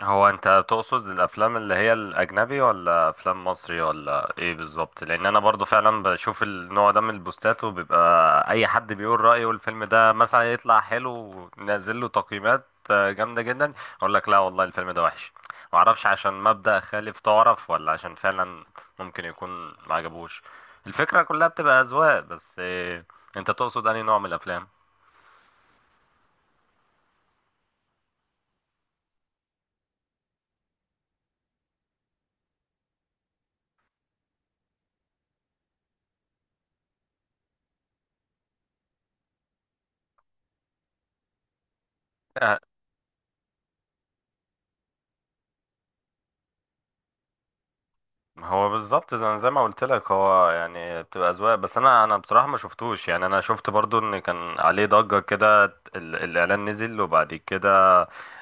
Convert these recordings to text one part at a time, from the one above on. هو انت تقصد الافلام اللي هي الاجنبي ولا افلام مصري ولا ايه بالظبط؟ لان انا برضو فعلا بشوف النوع ده من البوستات، وبيبقى اي حد بيقول رايه، والفيلم ده مثلا يطلع حلو ونازل له تقييمات. جامده جدا، اقول لك لا والله الفيلم ده وحش. ما اعرفش عشان مبدأ خالف تعرف، ولا عشان فعلا ممكن يكون ما عجبوش. الفكره كلها بتبقى اذواق بس. انت تقصد انهي نوع من الافلام؟ هو بالظبط زي ما قلت لك، هو يعني بتبقى اذواق بس. انا بصراحه ما شفتوش. يعني انا شفت برضو ان كان عليه ضجه كده، الاعلان نزل، وبعد كده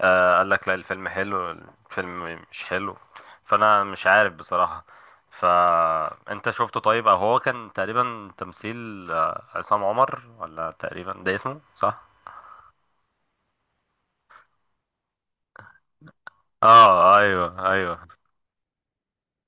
آه قال لك لا الفيلم حلو، الفيلم مش حلو. فانا مش عارف بصراحه. فانت شفته؟ طيب او هو كان تقريبا تمثيل عصام عمر، ولا تقريبا ده اسمه صح؟ اه، ايوه ايوه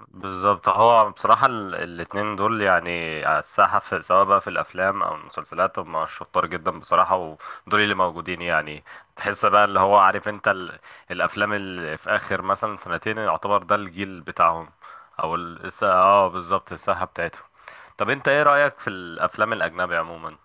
بالظبط. هو بصراحة الاتنين دول يعني على الساحة، في سواء بقى في الأفلام أو المسلسلات، هم شطار جدا بصراحة. ودول اللي موجودين يعني، تحس بقى اللي هو عارف أنت الأفلام اللي في آخر مثلا سنتين، يعتبر ده الجيل بتاعهم. أو اه بالظبط، الساحة بتاعتهم. طب أنت إيه رأيك في الأفلام الأجنبي عموما؟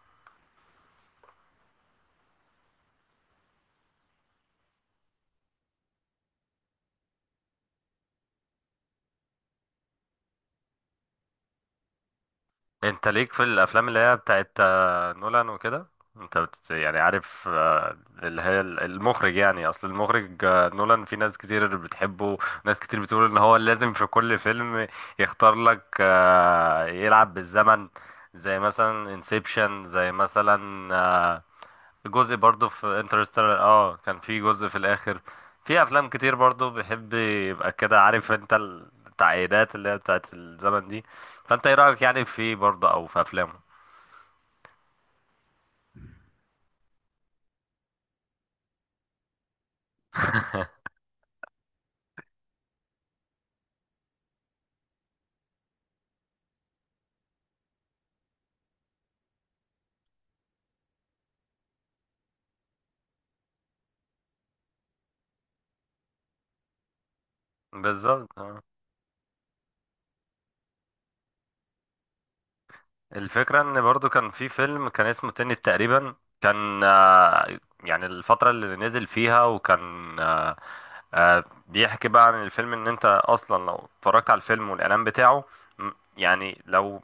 انت ليك في الافلام اللي هي بتاعت نولان وكده؟ يعني عارف، اللي هي المخرج. يعني اصل المخرج نولان في ناس كتير بتحبه، ناس كتير بتقول ان هو لازم في كل فيلم يختار لك يلعب بالزمن. زي مثلا انسبشن، زي مثلا جزء برضو في انترستيلر، اه كان في جزء في الاخر. في افلام كتير برضو بيحب يبقى كده عارف انت، التعقيدات اللي هي بتاعت الزمن دي. فانت ايه رايك يعني في برضو او في افلامه؟ بالظبط اه. الفكرة ان برضو كان في فيلم كان اسمه تنت تقريبا، كان يعني الفترة اللي نزل فيها، وكان آه، بيحكي بقى عن الفيلم، ان انت اصلا لو اتفرجت على الفيلم والاعلان بتاعه، م- يعني لو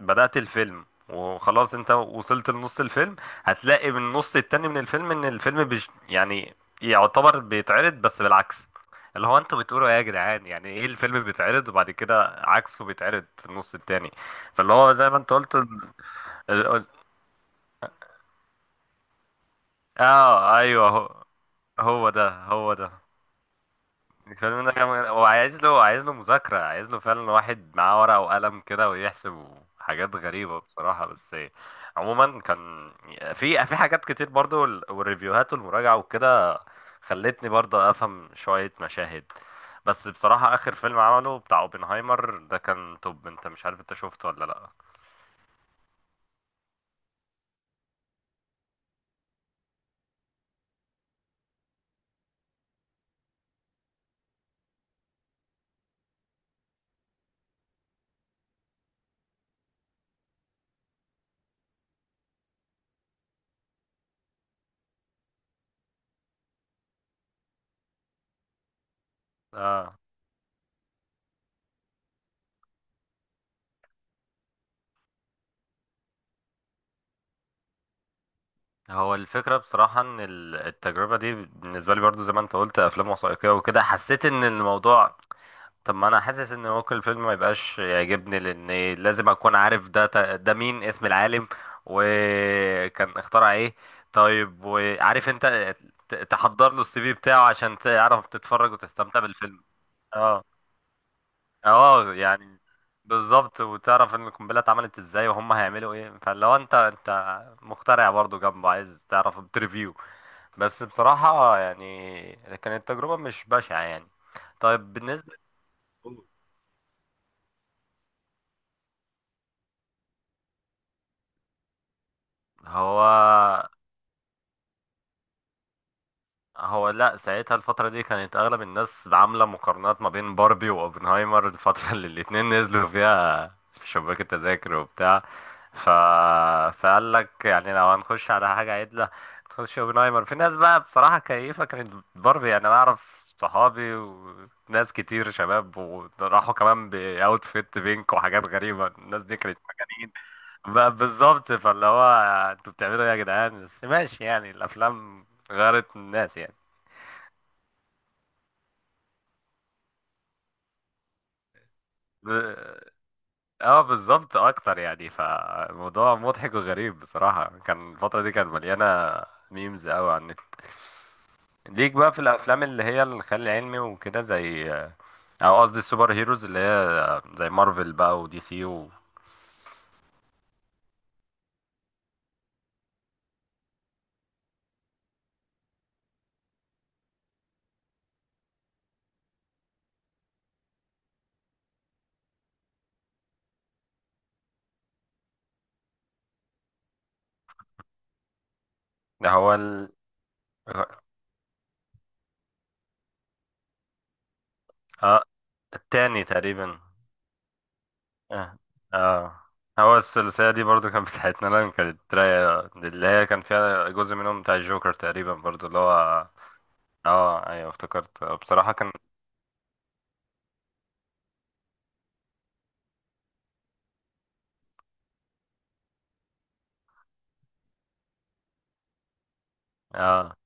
بدأت الفيلم وخلاص انت وصلت لنص الفيلم، هتلاقي من النص التاني من الفيلم ان الفيلم بج يعني، يعتبر بيتعرض بس بالعكس. اللي هو انتوا بتقولوا ايه يا جدعان؟ يعني ايه الفيلم بيتعرض وبعد كده عكسه بيتعرض في النص التاني. فاللي هو زي ما انت قلت ال- اه ايوه. هو ده. الفيلم ده كمان، هو عايز له مذاكرة، عايز له فعلا واحد معاه ورقة وقلم كده ويحسب. حاجات غريبة بصراحة. بس عموما كان في حاجات كتير برضو، والريفيوهات والمراجعة وكده خلتني برضو أفهم شوية مشاهد. بس بصراحة آخر فيلم عمله بتاع اوبنهايمر ده كان توب. انت مش عارف، انت شفته ولا لأ؟ اه. هو الفكرة بصراحة ان التجربة دي بالنسبة لي برضو، زي ما انت قلت افلام وثائقية وكده، حسيت ان الموضوع. طب ما انا حاسس ان ممكن الفيلم ما يبقاش يعجبني، لان لازم اكون عارف ده، ده مين اسم العالم، وكان اخترع ايه. طيب وعارف انت تحضر له السي في بتاعه عشان تعرف تتفرج وتستمتع بالفيلم. اه. اه يعني بالظبط. وتعرف ان القنبله اتعملت ازاي، وهم هيعملوا ايه. فلو انت مخترع برضو جنبه عايز تعرف بتريفيو. بس بصراحه يعني كانت تجربه مش بشعه يعني. طيب بالنسبه، هو هو لا ساعتها الفترة دي كانت أغلب الناس عاملة مقارنات ما بين باربي وأوبنهايمر، الفترة اللي الاتنين نزلوا فيها في شباك التذاكر وبتاع. ف... فقال لك يعني لو هنخش على حاجة عدلة، نخش أوبنهايمر. في ناس بقى بصراحة كيفة كانت باربي، يعني أنا أعرف صحابي وناس كتير شباب، وراحوا كمان بأوتفيت بينك وحاجات غريبة. الناس دي كانت مجانين. بقى بالظبط. فاللي هو انتوا بتعملوا ايه يا جدعان؟ بس ماشي يعني، الأفلام غيرت الناس يعني. ب- اه بالظبط اكتر يعني. فموضوع مضحك وغريب بصراحة، كان الفترة دي كانت مليانة ميمز قوي عن النت. ليك بقى في الافلام اللي هي الخيال العلمي وكده، زي، او قصدي السوبر هيروز اللي هي زي مارفل بقى، ودي سي و... ده هو ال... اه التاني تقريبا. اه اه. هو الثلاثية دي برضو كانت بتاعتنا لان كانت رايقة، اللي هي كان فيها جزء منهم بتاع الجوكر تقريبا برضو اللي هو، اه ايوه افتكرت بصراحة. كان اه،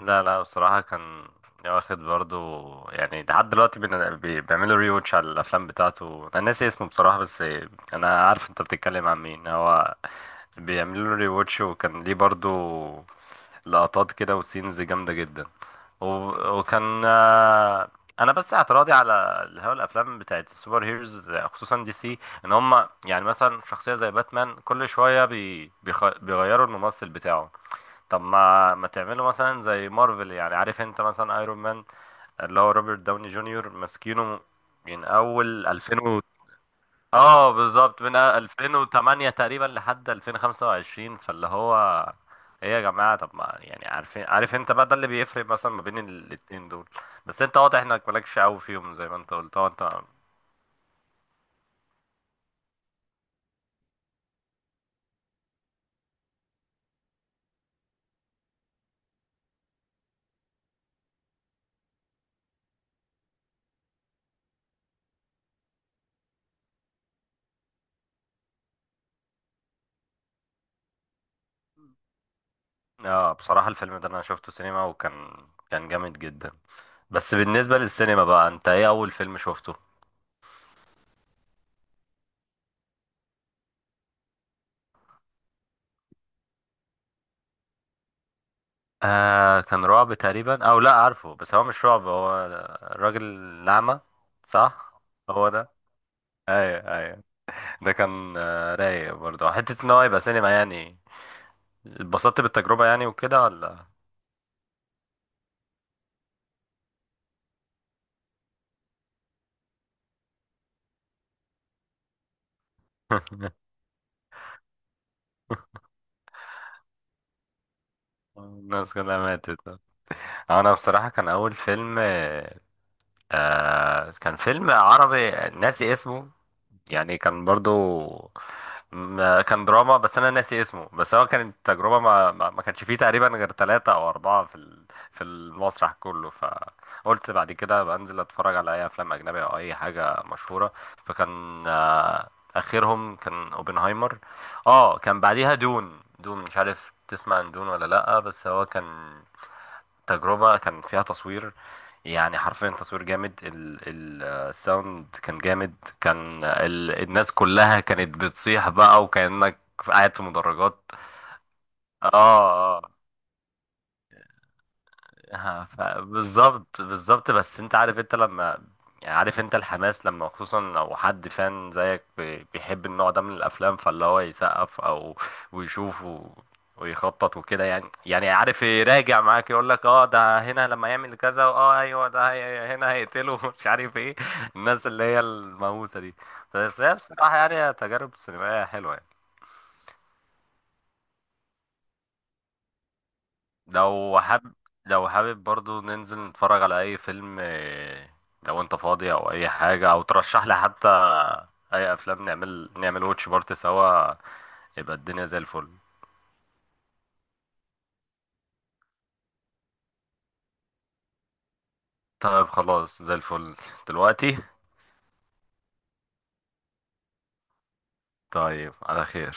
لا لا بصراحة كان واخد برضو يعني. لحد دلوقتي بيعملوا ري واتش على الأفلام بتاعته. أنا ناسي اسمه بصراحة، بس أنا عارف أنت بتتكلم عن مين. هو بيعملوا له ري واتش. وكان ليه برضو لقطات كده وسينز جامدة جدا. وكان أنا بس اعتراضي على اللي هو الأفلام بتاعت السوبر هيروز خصوصا دي سي، إن هما يعني مثلا شخصية زي باتمان كل شوية بيغيروا الممثل بتاعه. طب ما تعملوا مثلا زي مارفل يعني، عارف انت مثلا ايرون مان اللي هو روبرت داوني جونيور ماسكينه من اول 2000 و... اه بالظبط من 2008 تقريبا لحد 2025. فاللي هو ايه يا جماعة؟ طب ما يعني عارفين، عارف انت بقى ده اللي بيفرق مثلا ما بين الاتنين دول. بس انت واضح انك مالكش قوي فيهم زي ما انت قلت اه انت. اه بصراحة الفيلم ده انا شفته سينما، وكان كان جامد جدا. بس بالنسبة للسينما بقى، انت ايه اول فيلم شفته؟ آه كان رعب تقريبا او لا، عارفه بس هو مش رعب، هو الراجل الأعمى. صح، هو ده. ايوه ايوه. ده كان آه رايق برضه حتة ان هو يبقى سينما يعني. اتبسطت بالتجربة يعني وكده ولا الناس كلها ماتت. انا بصراحة كان اول فيلم آه كان فيلم عربي، ناسي اسمه. يعني كان برضو كان دراما. بس انا ناسي اسمه. بس هو كانت تجربه، ما كانش فيه تقريبا غير ثلاثة او اربعة في في المسرح كله. فقلت بعد كده بنزل اتفرج على اي افلام اجنبيه او اي حاجه مشهوره. فكان اخرهم كان اوبنهايمر. اه، كان بعديها دون. دون مش عارف تسمع عن دون ولا لا، بس هو كان تجربة كان فيها تصوير، يعني حرفيا تصوير جامد. الساوند كان جامد. كان ال الناس كلها كانت بتصيح بقى، وكأنك قاعد في مدرجات. اه بالظبط بالظبط. بس انت عارف انت لما، يعني عارف انت الحماس لما خصوصا لو حد فان زيك بيحب النوع ده من الافلام، فاللي هو يسقف او ويشوف ويخطط وكده. يعني عارف يراجع معاك يقول لك اه ده هنا لما يعمل كذا، اه ايوه ده هنا هيقتله مش عارف ايه. الناس اللي هي المهووسه دي، بس هي بصراحه يعني تجارب سينمائيه حلوه يعني. لو حابب، لو حابب برضو ننزل نتفرج على اي فيلم، لو انت فاضي او اي حاجة، او ترشح لي حتى اي افلام، نعمل واتش بارت سوا، يبقى الدنيا زي الفل. طيب خلاص، زي الفل دلوقتي. طيب على خير.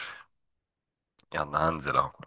يلا هنزل اهو.